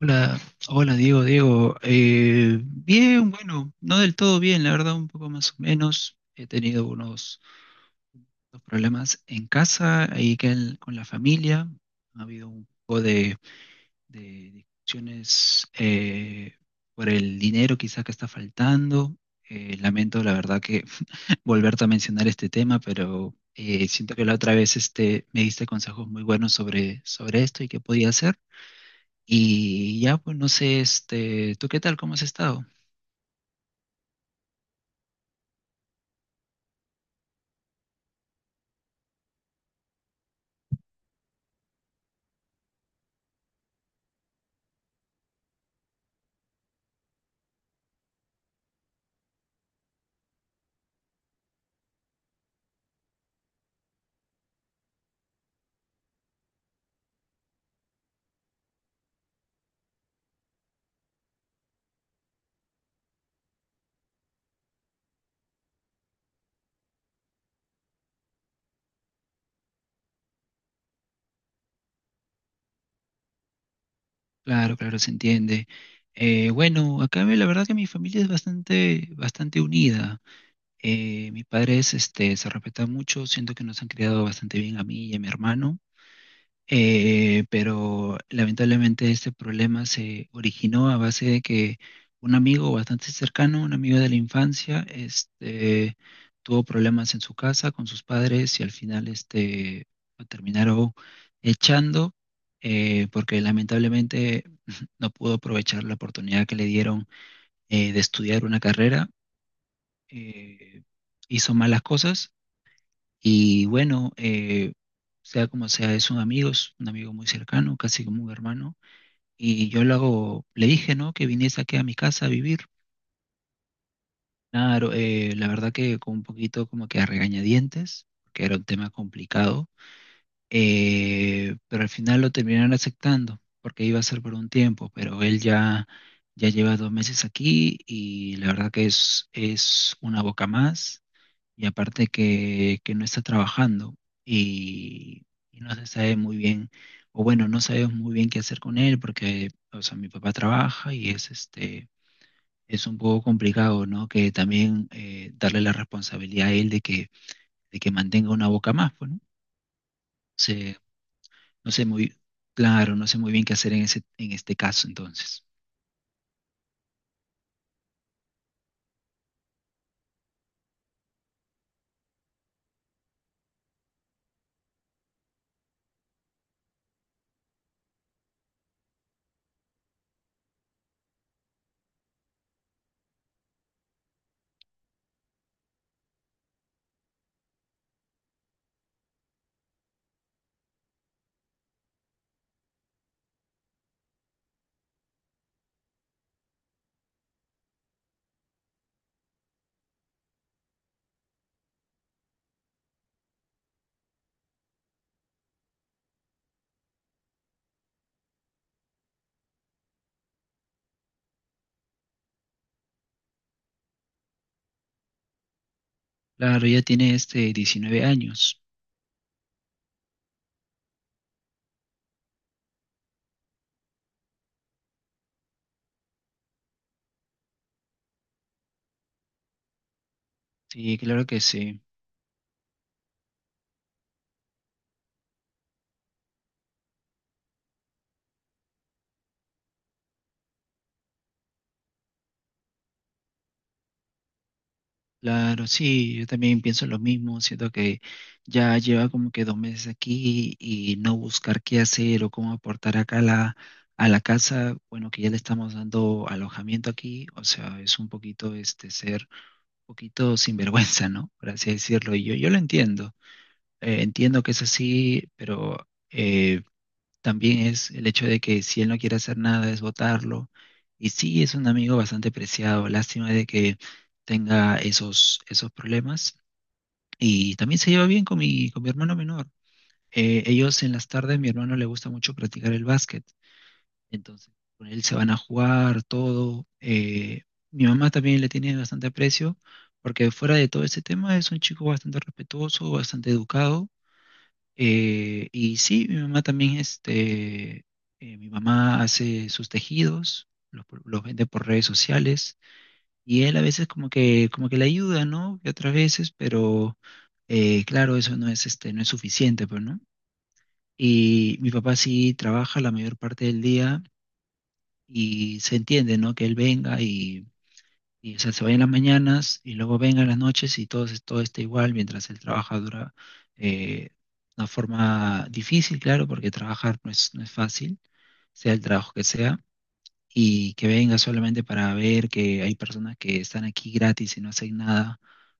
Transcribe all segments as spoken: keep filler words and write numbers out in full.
Hola, hola Diego, Diego. Eh, bien, bueno, no del todo bien, la verdad, un poco más o menos. He tenido unos, unos problemas en casa, ahí que en- con la familia. Ha habido un poco de, de discusiones eh, por el dinero quizá que está faltando. Eh, lamento, la verdad, que volverte a mencionar este tema, pero eh, siento que la otra vez este, me diste consejos muy buenos sobre, sobre esto y qué podía hacer. Y ya, pues no sé, este, ¿tú qué tal? ¿Cómo has estado? Claro, claro, se entiende. Eh, bueno, acá la verdad que mi familia es bastante, bastante unida. Eh, mis padres, este, se respetan mucho, siento que nos han criado bastante bien a mí y a mi hermano. Eh, pero lamentablemente este problema se originó a base de que un amigo bastante cercano, un amigo de la infancia, este, tuvo problemas en su casa con sus padres y al final este, lo terminaron echando eh, porque lamentablemente no pudo aprovechar la oportunidad que le dieron eh, de estudiar una carrera, eh, hizo malas cosas y bueno, eh, sea como sea, es un amigo, es un amigo muy cercano, casi como un hermano. Y yo lo hago, le dije, ¿no? Que viniese aquí a mi casa a vivir. Claro, eh, la verdad que con un poquito como que a regañadientes, porque era un tema complicado. eh, pero al final lo terminaron aceptando, porque iba a ser por un tiempo, pero él ya, ya lleva dos meses aquí y la verdad que es, es una boca más y aparte que, que no está trabajando y, y no se sabe muy bien, o bueno, no sabemos muy bien qué hacer con él porque, o sea, mi papá trabaja y es este, es un poco complicado, ¿no? Que también eh, darle la responsabilidad a él de que, de que mantenga una boca más, pues, ¿no? Se- no sé muy, claro, no sé muy bien qué hacer en ese, en este caso entonces. Claro, ya tiene este diecinueve años. Sí, claro que sí. Claro, sí, yo también pienso lo mismo, siento que ya lleva como que dos meses aquí y no buscar qué hacer o cómo aportar acá a la, a la casa, bueno, que ya le estamos dando alojamiento aquí, o sea, es un poquito este ser un poquito sinvergüenza, ¿no? Por así decirlo, y yo, yo lo entiendo, eh, entiendo que es así, pero eh, también es el hecho de que si él no quiere hacer nada es votarlo. Y sí, es un amigo bastante preciado. Lástima de que tenga esos, esos problemas. Y también se lleva bien con mi, con mi hermano menor. Eh, ellos en las tardes, mi hermano le gusta mucho practicar el básquet. Entonces, con él se van a jugar todo. Eh, mi mamá también le tiene bastante aprecio, porque fuera de todo ese tema es un chico bastante respetuoso, bastante educado eh, y sí, mi mamá también, este, eh, mi mamá hace sus tejidos, los, pu- los vende por redes sociales, y él a veces como que, como que le ayuda, ¿no? Y otras veces, pero eh, claro, eso no es, este, no es suficiente, pues, ¿no? Y mi papá sí trabaja la mayor parte del día y se entiende, ¿no? Que él venga y o sea, se vaya en las mañanas y luego venga en las noches y todo, es- todo está igual mientras él trabaja dura eh, una forma difícil, claro, porque trabajar no es, no es fácil, sea el trabajo que sea, y que venga solamente para ver que hay personas que están aquí gratis y no hacen nada,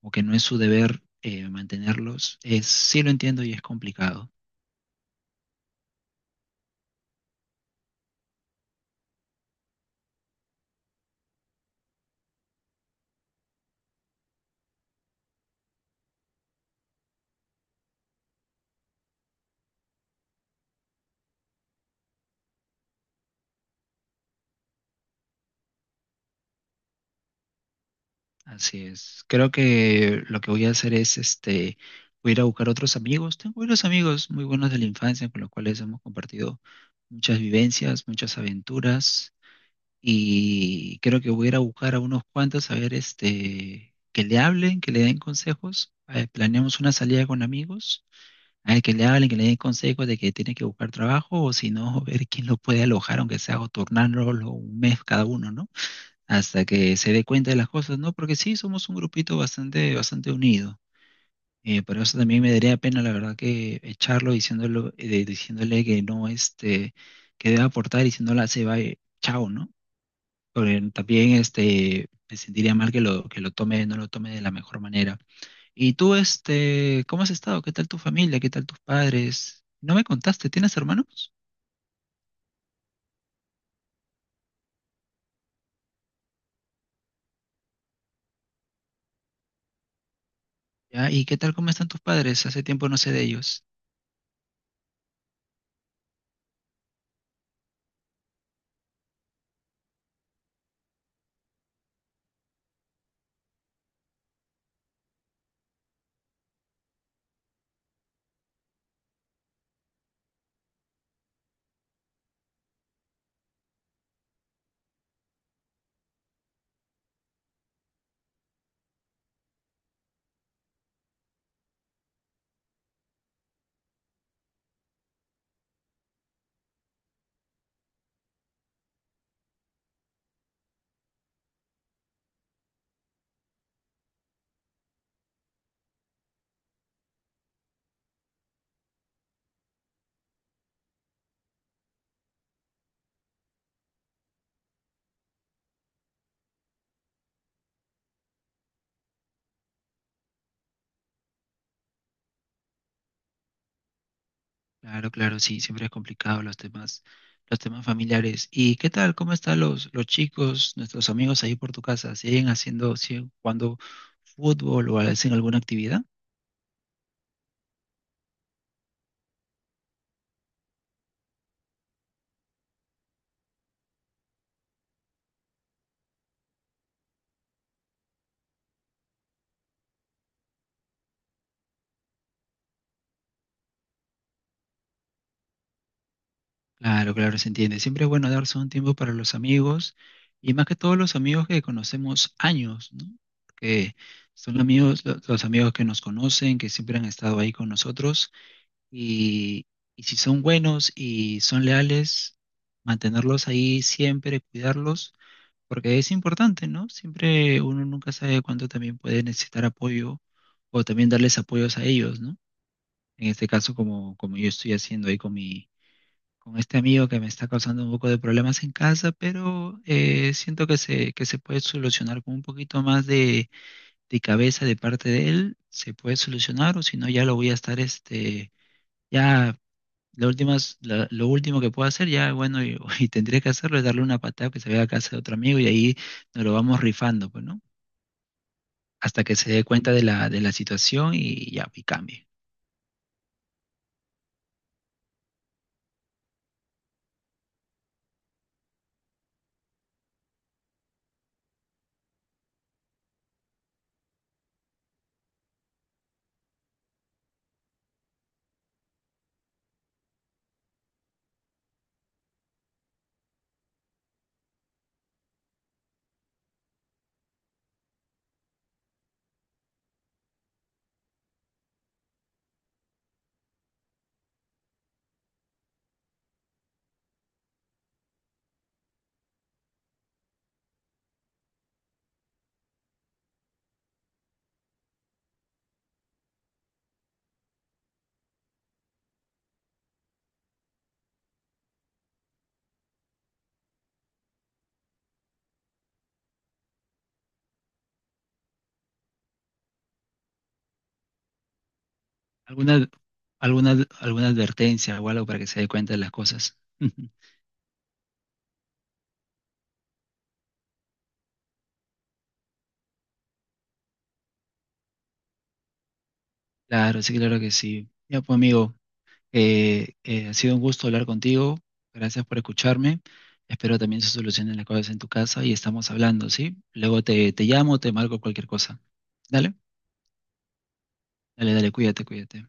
o que no es su deber eh, mantenerlos, es, sí lo entiendo y es complicado. Así es. Creo que lo que voy a hacer es, este, voy a ir a buscar otros amigos. Tengo unos amigos muy buenos de la infancia con los cuales hemos compartido muchas vivencias, muchas aventuras. Y creo que voy a ir a buscar a unos cuantos a ver, este, que le hablen, que le den consejos. Eh, planeamos una salida con amigos. A ver, que le hablen, que le den consejos de que tiene que buscar trabajo o si no, ver quién lo puede alojar, aunque sea o turnarlo un mes cada uno, ¿no? Hasta que se dé cuenta de las cosas, ¿no? Porque sí, somos un grupito bastante, bastante unido. Eh, pero eso también me daría pena, la verdad, que echarlo diciéndolo, eh, diciéndole que no, este, que debe aportar y se va, eh, chao, ¿no? Porque también, este, me sentiría mal que lo, que lo tome, no lo tome de la mejor manera. Y tú, este, ¿cómo has estado? ¿Qué tal tu familia? ¿Qué tal tus padres? No me contaste, ¿tienes hermanos? ¿Ya? ¿Y qué tal, cómo están tus padres? Hace tiempo no sé de ellos. Claro, claro, sí, siempre es complicado los temas, los temas familiares. ¿Y qué tal? ¿Cómo están los, los chicos, nuestros amigos ahí por tu casa? ¿Siguen haciendo, siguen jugando fútbol o hacen alguna actividad? Claro, claro, se entiende. Siempre es bueno darse un tiempo para los amigos y más que todos los amigos que conocemos años, ¿no? Que son amigos, lo- los amigos que nos conocen, que siempre han estado ahí con nosotros y, y si son buenos y son leales, mantenerlos ahí siempre, cuidarlos porque es importante, ¿no? Siempre uno nunca sabe cuánto también puede necesitar apoyo o también darles apoyos a ellos, ¿no? En este caso, como, como yo estoy haciendo ahí con mi, con este amigo que me está causando un poco de problemas en casa, pero eh, siento que se, que se puede solucionar con un poquito más de, de cabeza de parte de él, se puede solucionar, o si no, ya lo voy a estar este. Ya lo últimas- la- lo último que puedo hacer ya, bueno, y, y tendría que hacerlo es darle una patada que se vaya a casa de otro amigo y ahí nos lo vamos rifando, pues, ¿no? Hasta que se dé cuenta de la, de la situación y ya, y cambie. ¿Alguna, alguna, alguna advertencia o algo para que se dé cuenta de las cosas? Claro, sí, claro que sí. Ya, pues, amigo, eh, eh, ha sido un gusto hablar contigo. Gracias por escucharme. Espero también se solucionen las cosas en tu casa y estamos hablando, ¿sí? Luego te, te llamo, te marco cualquier cosa. Dale. Dale, dale, cuídate, cuídate.